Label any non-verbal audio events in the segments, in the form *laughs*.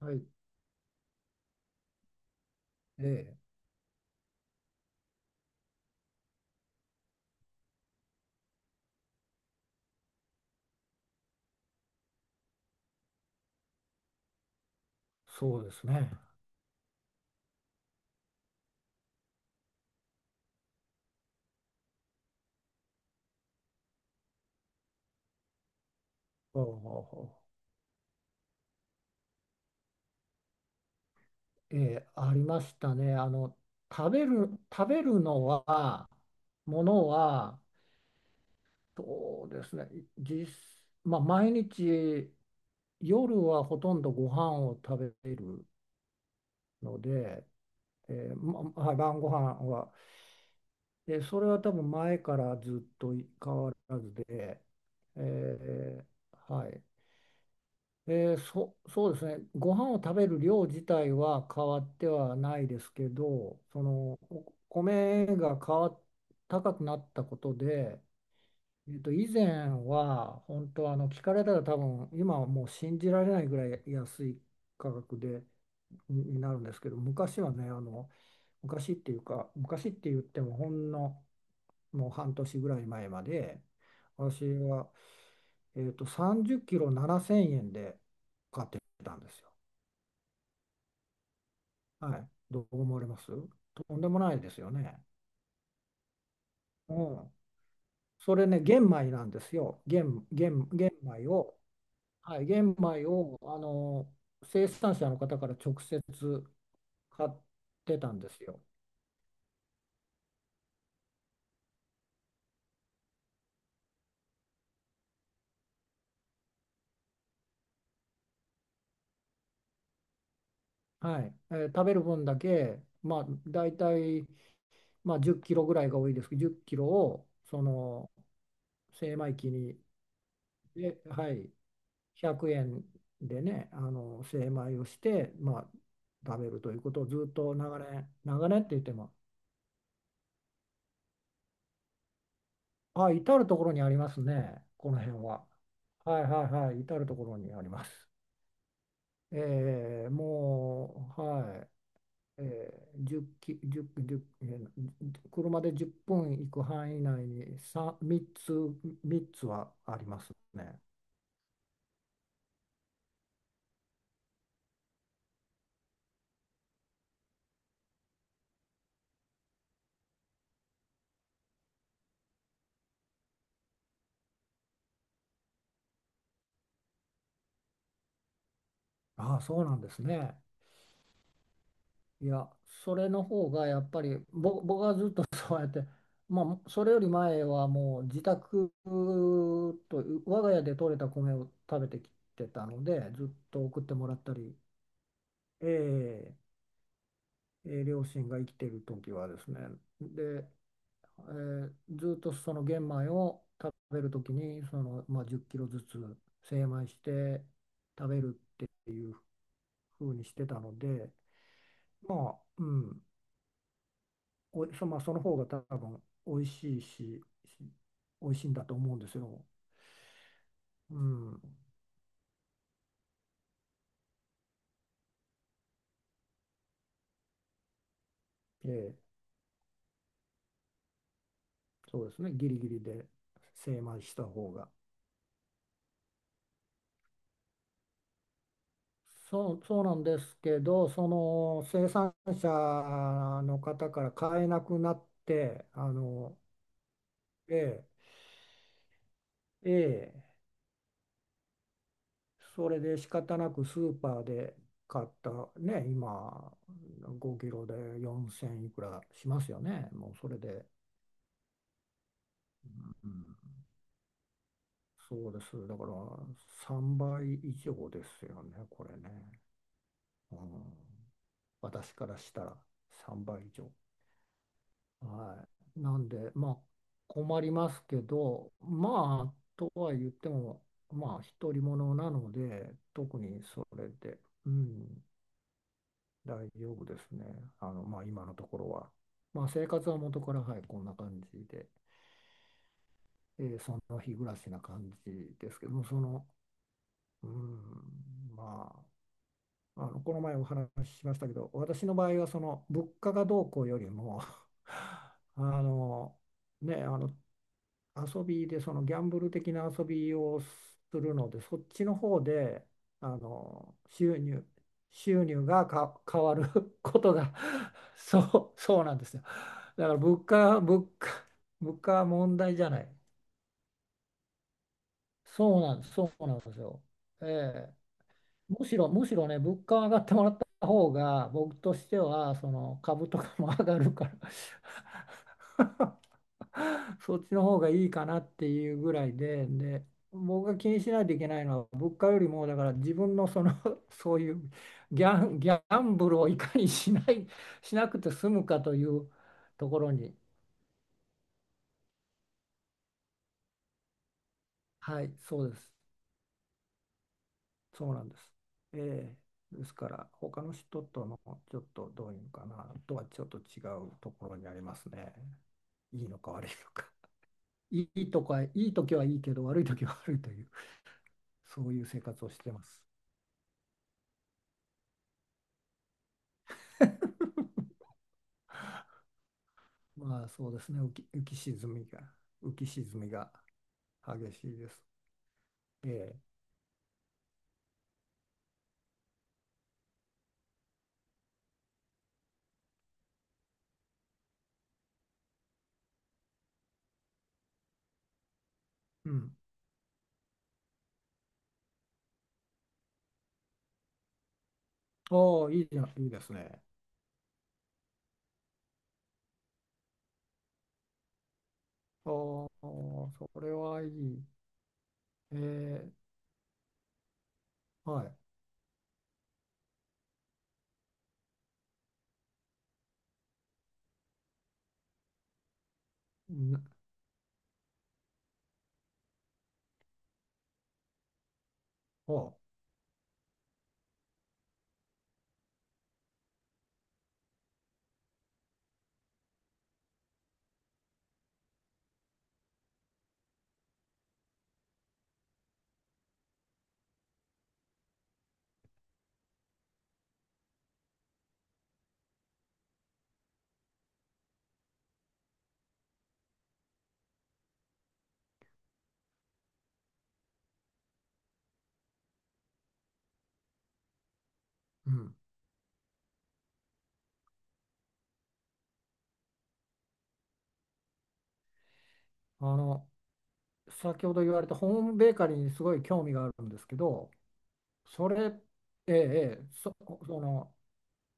はい、ええ、そうですね。ほうほうほう、ええ、ありましたね。食べる、食べるのは、ものは、そうですね。実、まあ、毎日、夜はほとんどご飯を食べるので、ええ、まあ晩ご飯は、ええ、それは多分前からずっと変わらずで、ええ、はい。そうですね。ご飯を食べる量自体は変わってはないですけど、そのお米が変わっ高くなったことで、以前は本当、聞かれたら多分今はもう信じられないぐらい安い価格になるんですけど、昔はね、昔っていうか昔って言っても、ほんのもう半年ぐらい前まで私は、30キロ7000円で買ってたんですよ。はい、どう思われます？とんでもないですよね。うん、それね、玄米なんですよ。玄米を、はい、玄米を生産者の方から直接買ってたんですよ。はい、食べる分だけ、まあ、大体、まあ、10キロぐらいが多いですけど、10キロをその精米機に、で、はい、100円でね、精米をして、まあ、食べるということをずっと長年、長年って言っても、あ、至るところにありますね、この辺は。はいはいはい、至るところにあります。もう、はい、えー、1キ、10、じゅうえー車で10分行く範囲内に、3つはありますね。ああ、そうなんですね。いや、それの方がやっぱり、僕はずっと *laughs* そうやって、まあ、それより前はもう自宅と、我が家で採れた米を食べてきてたので、ずっと送ってもらったり、え両親が生きてる時はですね、で、ずっとその玄米を食べるときにまあ、10キロずつ精米して食べるっていうふうにしてたので、まあ、うん、おいそ、まあ、その方が多分美味しいし、美味しいんだと思うんですよ。うん、ええ、そうですね。ギリギリで精米した方が。そうなんですけど、その生産者の方から買えなくなって、ええええ、それで仕方なくスーパーで買った、ね、今5キロで4000いくらしますよね。もうそれで、うん、そうです。だから3倍以上ですよね、これね。うん、私からしたら3倍以上。はい。なんで、まあ困りますけど、まあとは言っても、まあ独り者なので、特にそれで。うん、大丈夫ですね。まあ、今のところは。まあ、生活は元から、はい、こんな感じで、その日暮らしな感じですけども、うん、まあ、この前お話ししましたけど、私の場合は、物価がどうこうよりも、*laughs* あの、ね、遊びでギャンブル的な遊びをするので、そっちの方であの収入収入が変わる *laughs* ことが、 *laughs* そうそうなんですよ。だから物価は問題じゃない。そうなんです、そうなんですよ。ええ、むしろね、物価上がってもらった方が僕としては、その株とかも上がるから。 *laughs* *laughs* そっちの方がいいかなっていうぐらいで、僕が気にしないといけないのは物価よりも、だから自分のその *laughs* そういうギャンブルをいかにしなくて済むかというところに、はい、そうです。そうなんです。ええ、ですから他の人とのちょっと、どういうのかな、とはちょっと違うところにありますね。いいのか悪いのか。いいとか、いい時はいいけど悪い時は悪いという、そういう生活をしてます。まあそうですね、浮き沈みが激しいです。ええ、うん。おお、いいじゃん、いいですね。おお、それはいい。ええ、はい。なおう、うん。あの、先ほど言われたホームベーカリーにすごい興味があるんですけど、それ、ええ、えそ、その、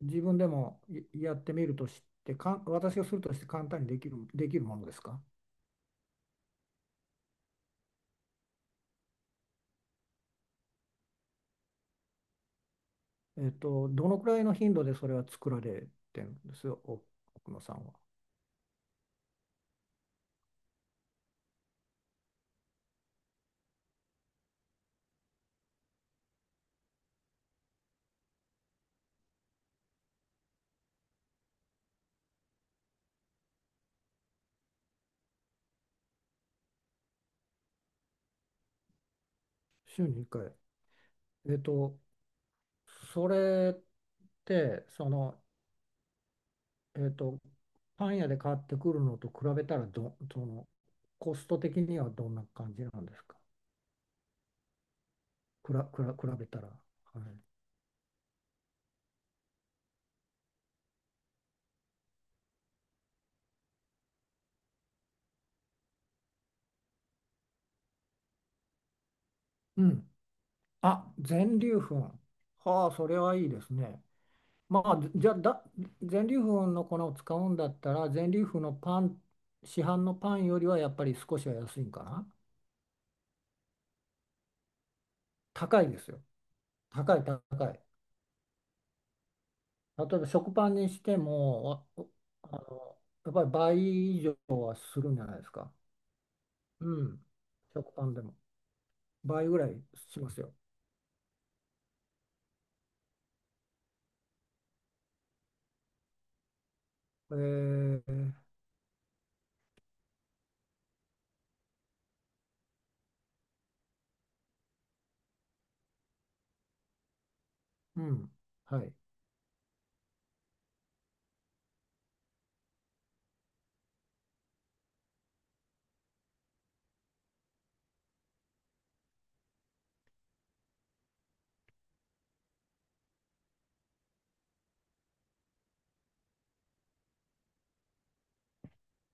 自分でもやってみるとして、私がするとして簡単にできるものですか？どのくらいの頻度でそれは作られてるんですよ、奥野さんは。週に1回。えっと、それって、えっと、パン屋で買ってくるのと比べたら、ど、その、コスト的にはどんな感じなんですか？くら、くら、比べたら。はい。うん。あ、全粒粉。はあ、それはいいですね。まあ、じゃあ、全粒粉の粉を使うんだったら、全粒粉のパン、市販のパンよりはやっぱり少しは安いんかな。高いですよ。高い、高い。例えば食パンにしても、ああの、やっぱり倍以上はするんじゃないですか。うん。食パンでも。倍ぐらいしますよ。えー、うん。はい。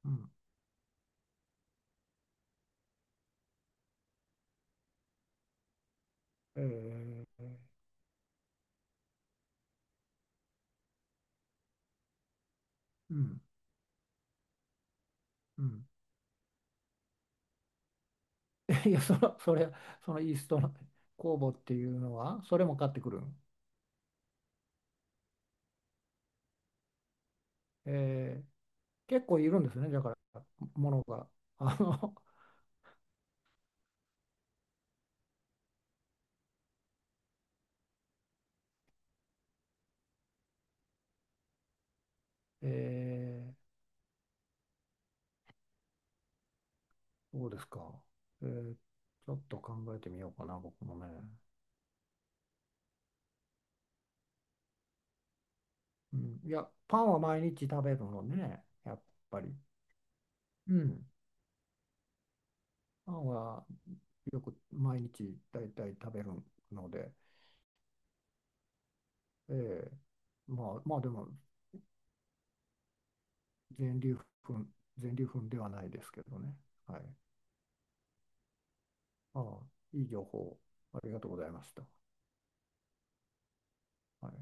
うん。えー、うん。うん。*laughs* いや、そのイーストの酵母っていうのは、それも買ってくるの？えー結構いるんですね、だから、ものが。あの、*laughs* えそうですか。えーちょっと考えてみようかな、僕もね。うん、いや、パンは毎日食べるのね、やっぱり。うん、パンはよく毎日だいたい食べるので、えーまあ、まあでも、全粒粉、全粒粉ではないですけどね。はい。ああ、いい情報、ありがとうございました。はい。